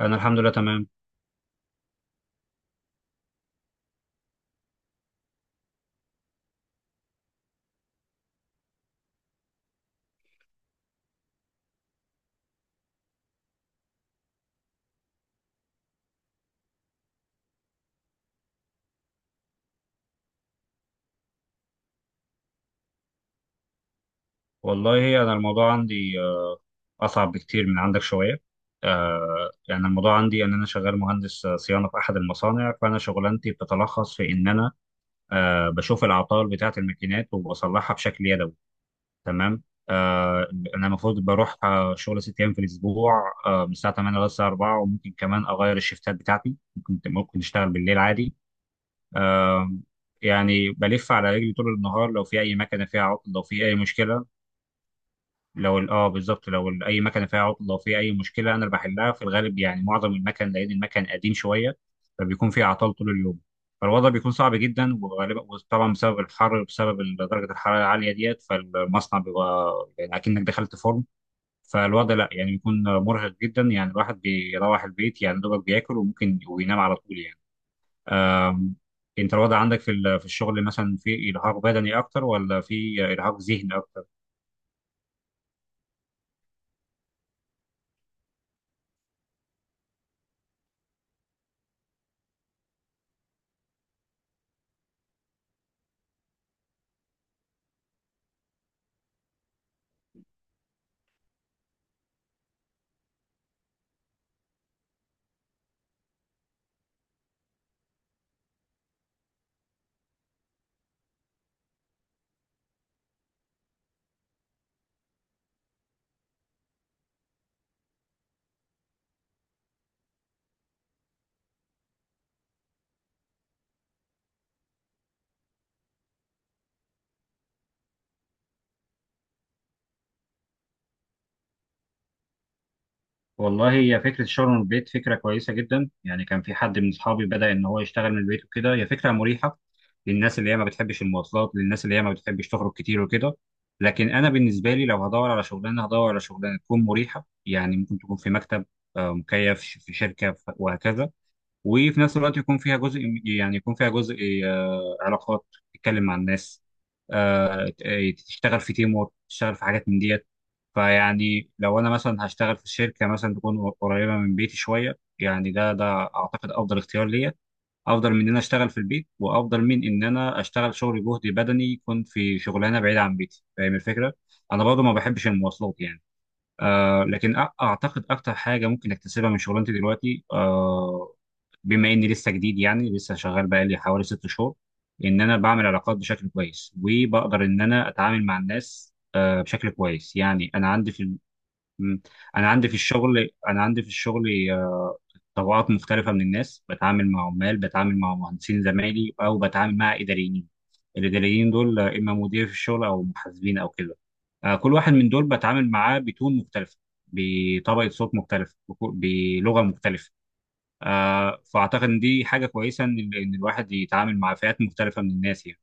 انا الحمد لله تمام. والله انا الموضوع عندي اصعب بكتير من عندك شويه. يعني الموضوع عندي ان انا شغال مهندس صيانه في احد المصانع، فانا شغلانتي بتتلخص في ان انا بشوف العطال بتاعه الماكينات وبصلحها بشكل يدوي. تمام. آه، انا المفروض بروح شغل 6 ايام في الاسبوع، من الساعه 8 لغايه الساعه 4، وممكن كمان اغير الشفتات بتاعتي. ممكن ممكن اشتغل بالليل عادي. آه، يعني بلف على رجلي طول النهار لو في اي مكنه فيها عطل لو في اي مشكله. لو ال- اه بالظبط، لو اي مكنه فيها عطل لو في اي مشكله، انا اللي بحلها في الغالب، يعني معظم المكن لان المكن قديم شويه، فبيكون فيه اعطال طول اليوم. فالوضع بيكون صعب جدا، وغالبا وطبعا بسبب الحر وبسبب درجه الحراره العاليه ديت، فالمصنع بيبقى يعني اكنك دخلت فرن. فالوضع لا يعني بيكون مرهق جدا، يعني الواحد بيروح البيت يعني دوبك بياكل وممكن وينام على طول يعني. أم، انت الوضع عندك في في الشغل مثلا، في ارهاق بدني اكتر ولا في ارهاق ذهني اكتر؟ والله هي فكرة الشغل من البيت فكرة كويسة جدا، يعني كان في حد من أصحابي بدأ إن هو يشتغل من البيت وكده، هي فكرة مريحة للناس اللي هي ما بتحبش المواصلات، للناس اللي هي ما بتحبش تخرج كتير وكده. لكن أنا بالنسبة لي لو هدور على شغلانة، هدور على شغلانة تكون مريحة، يعني ممكن تكون في مكتب مكيف، في شركة وهكذا. وفي نفس الوقت يكون فيها جزء، يعني يكون فيها جزء علاقات، تتكلم مع الناس، تشتغل في تيم وورك، تشتغل في حاجات من ديت. فيعني لو انا مثلا هشتغل في شركه مثلا تكون قريبه من بيتي شويه، يعني ده ده اعتقد افضل اختيار ليا. افضل من ان انا اشتغل في البيت، وافضل من ان انا اشتغل شغل جهد بدني، يكون في شغلانه بعيده عن بيتي. فاهم الفكره؟ انا برضو ما بحبش المواصلات يعني. اعتقد اكتر حاجه ممكن اكتسبها من شغلانتي دلوقتي بما اني لسه جديد، يعني لسه شغال بقالي حوالي 6 شهور، ان انا بعمل علاقات بشكل كويس وبقدر ان انا اتعامل مع الناس بشكل كويس، يعني انا عندي في م- الشغل، طبقات مختلفة من الناس، بتعامل مع عمال، بتعامل مع مهندسين زمايلي، أو بتعامل مع إداريين. الإداريين دول إما مدير في الشغل أو محاسبين أو كده. كل واحد من دول بتعامل معاه بتون مختلفة، بطبقة صوت مختلفة، بلغة مختلفة. فأعتقد إن دي حاجة كويسة، إن الواحد يتعامل مع فئات مختلفة من الناس يعني.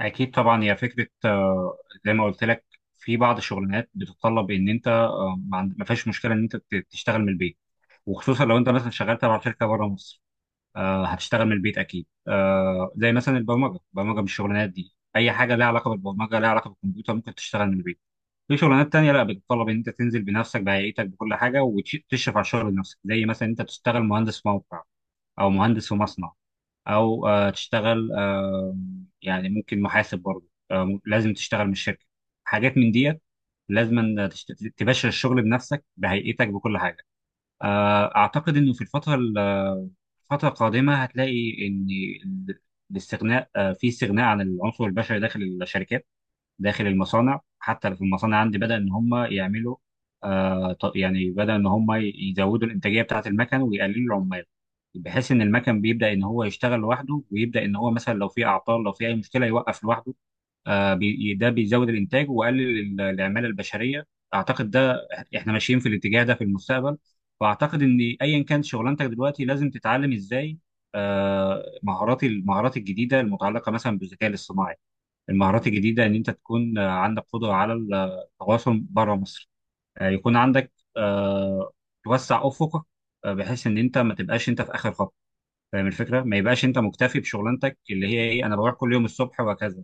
أكيد طبعا، هي فكرة زي ما قلت لك، في بعض الشغلانات بتتطلب إن أنت ما فيهاش مشكلة إن أنت تشتغل من البيت، وخصوصا لو انت مثلا شغال تبع شركه بره مصر. هتشتغل من البيت اكيد، زي مثلا البرمجه، من الشغلانات دي اي حاجه لها علاقه بالبرمجه، لها علاقه بالكمبيوتر، ممكن تشتغل من البيت. في شغلانات تانية لا، بتتطلب ان انت تنزل بنفسك بهيئتك بكل حاجه وتشرف على الشغل بنفسك، زي مثلا انت تشتغل مهندس موقع، او مهندس في مصنع، او آه تشتغل آه يعني ممكن محاسب برضه، لازم تشتغل من الشركه، حاجات من ديت. لازم تباشر الشغل بنفسك بهيئتك بكل حاجه. أعتقد إنه في الفترة القادمة هتلاقي إن ال- الاستغناء، في استغناء عن العنصر البشري داخل الشركات، داخل المصانع. حتى في المصانع عندي بدأ إن هم يعملوا يعني بدأ إن هم يزودوا الإنتاجية بتاعة المكن ويقللوا العمال، بحيث إن المكن بيبدأ إن هو يشتغل لوحده، ويبدأ إن هو مثلا لو في أعطال لو في أي مشكلة يوقف لوحده. ده بيزود الانتاج وقلل العماله البشريه. اعتقد ده، احنا ماشيين في الاتجاه ده في المستقبل. واعتقد ان ايا كان شغلانتك دلوقتي لازم تتعلم ازاي آه، مهارات المهارات الجديده المتعلقه مثلا بالذكاء الاصطناعي. المهارات الجديده ان انت تكون عندك قدره على التواصل بره مصر، يكون عندك توسع افقك، بحيث ان انت ما تبقاش انت في اخر خط. فاهم الفكره؟ ما يبقاش انت مكتفي بشغلانتك اللي هي ايه، انا بروح كل يوم الصبح وهكذا.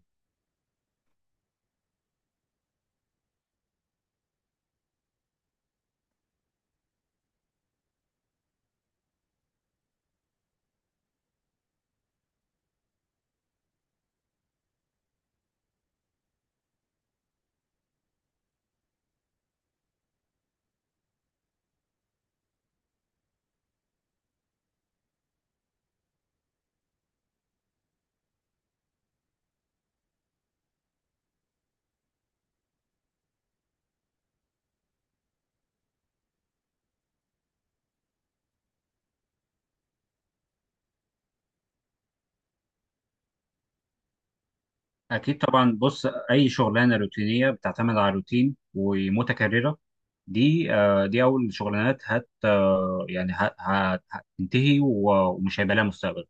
أكيد طبعا، بص، أي شغلانة روتينية بتعتمد على روتين ومتكررة، دي دي أول شغلانات هت آه، يعني هتنتهي ومش هيبقى لها مستقبل.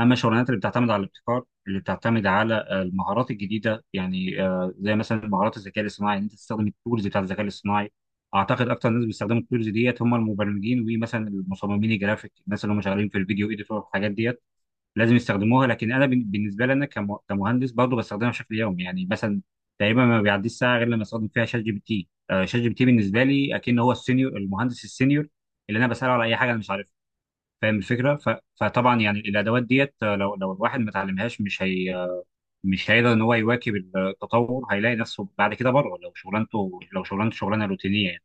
أما الشغلانات اللي بتعتمد على الابتكار، اللي بتعتمد على المهارات الجديدة، يعني زي مثلا مهارات الذكاء الاصطناعي، إن أنت تستخدم التولز بتاع الذكاء الاصطناعي. أعتقد أكتر ناس بيستخدموا التولز ديت هم المبرمجين، ومثلا المصممين الجرافيك، الناس اللي هم شغالين في الفيديو إيديتور والحاجات ديت، لازم يستخدموها. لكن انا بالنسبه لي انا كمهندس برضه بستخدمها بشكل يومي، يعني مثلا تقريبا ما بيعديش ساعه غير لما استخدم فيها شات جي بي تي. شات جي بي تي بالنسبه لي اكن هو السينيور، المهندس السينيور اللي انا بساله على اي حاجه انا مش عارفها. فاهم الفكره؟ فطبعا يعني الادوات ديت، لو لو الواحد ما اتعلمهاش، مش هي مش هيقدر ان هو يواكب التطور، هيلاقي نفسه بعد كده بره. لو شغلانته، شغلانه روتينيه يعني.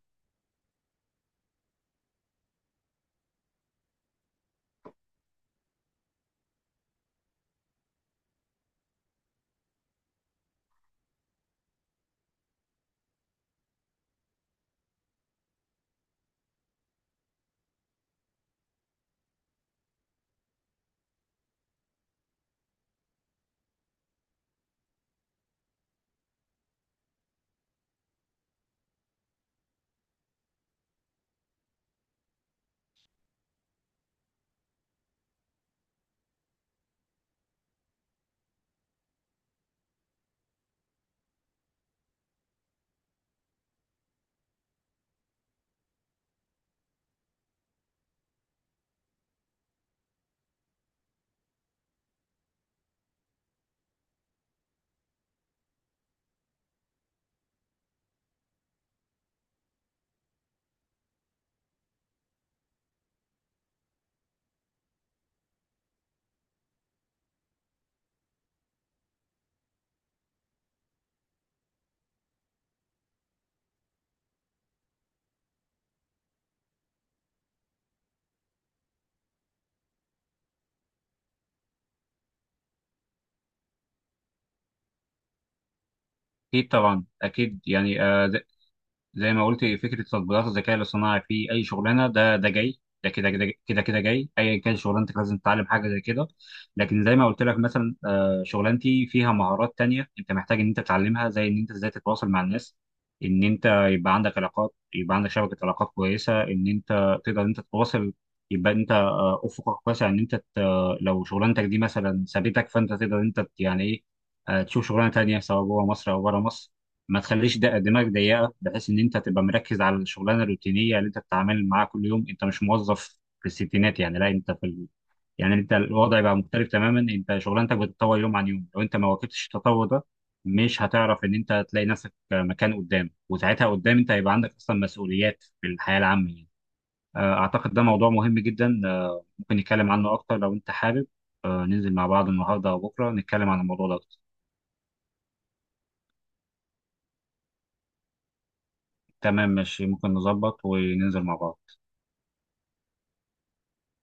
اكيد طبعا، اكيد يعني، زي ما قلت فكره تطبيقات الذكاء الاصطناعي في اي شغلانه، ده ده جاي، ده كده كده كده كده جاي، ايا كان شغلانتك لازم تتعلم حاجه زي كده. لكن زي ما قلت لك مثلا، شغلانتي فيها مهارات تانية انت محتاج ان انت تتعلمها، زي ان انت ازاي تتواصل مع الناس، ان انت يبقى عندك علاقات، يبقى عندك شبكه علاقات كويسه، ان انت تقدر ان انت تتواصل. يبقى انت افقك واسع، ان انت لو شغلانتك دي مثلا سابتك، فانت تقدر ان انت، يعني ايه، تشوف شغلانه تانية سواء جوه مصر او بره مصر. ما تخليش دماغك ضيقه، بحيث ان انت تبقى مركز على الشغلانه الروتينيه اللي انت بتتعامل معاها كل يوم. انت مش موظف في الستينات يعني، لا، انت في يعني انت الوضع بقى مختلف تماما، انت شغلانتك بتتطور يوم عن يوم. لو انت ما واكبتش التطور ده، مش هتعرف ان انت تلاقي نفسك مكان قدام، وساعتها قدام انت هيبقى عندك اصلا مسؤوليات في الحياه العامه يعني. اعتقد ده موضوع مهم جدا، ممكن نتكلم عنه اكتر لو انت حابب، ننزل مع بعض النهارده او بكره نتكلم عن الموضوع ده أكتر. تمام، ماشي، ممكن نظبط وننزل مع بعض.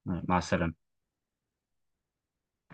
مع السلامه.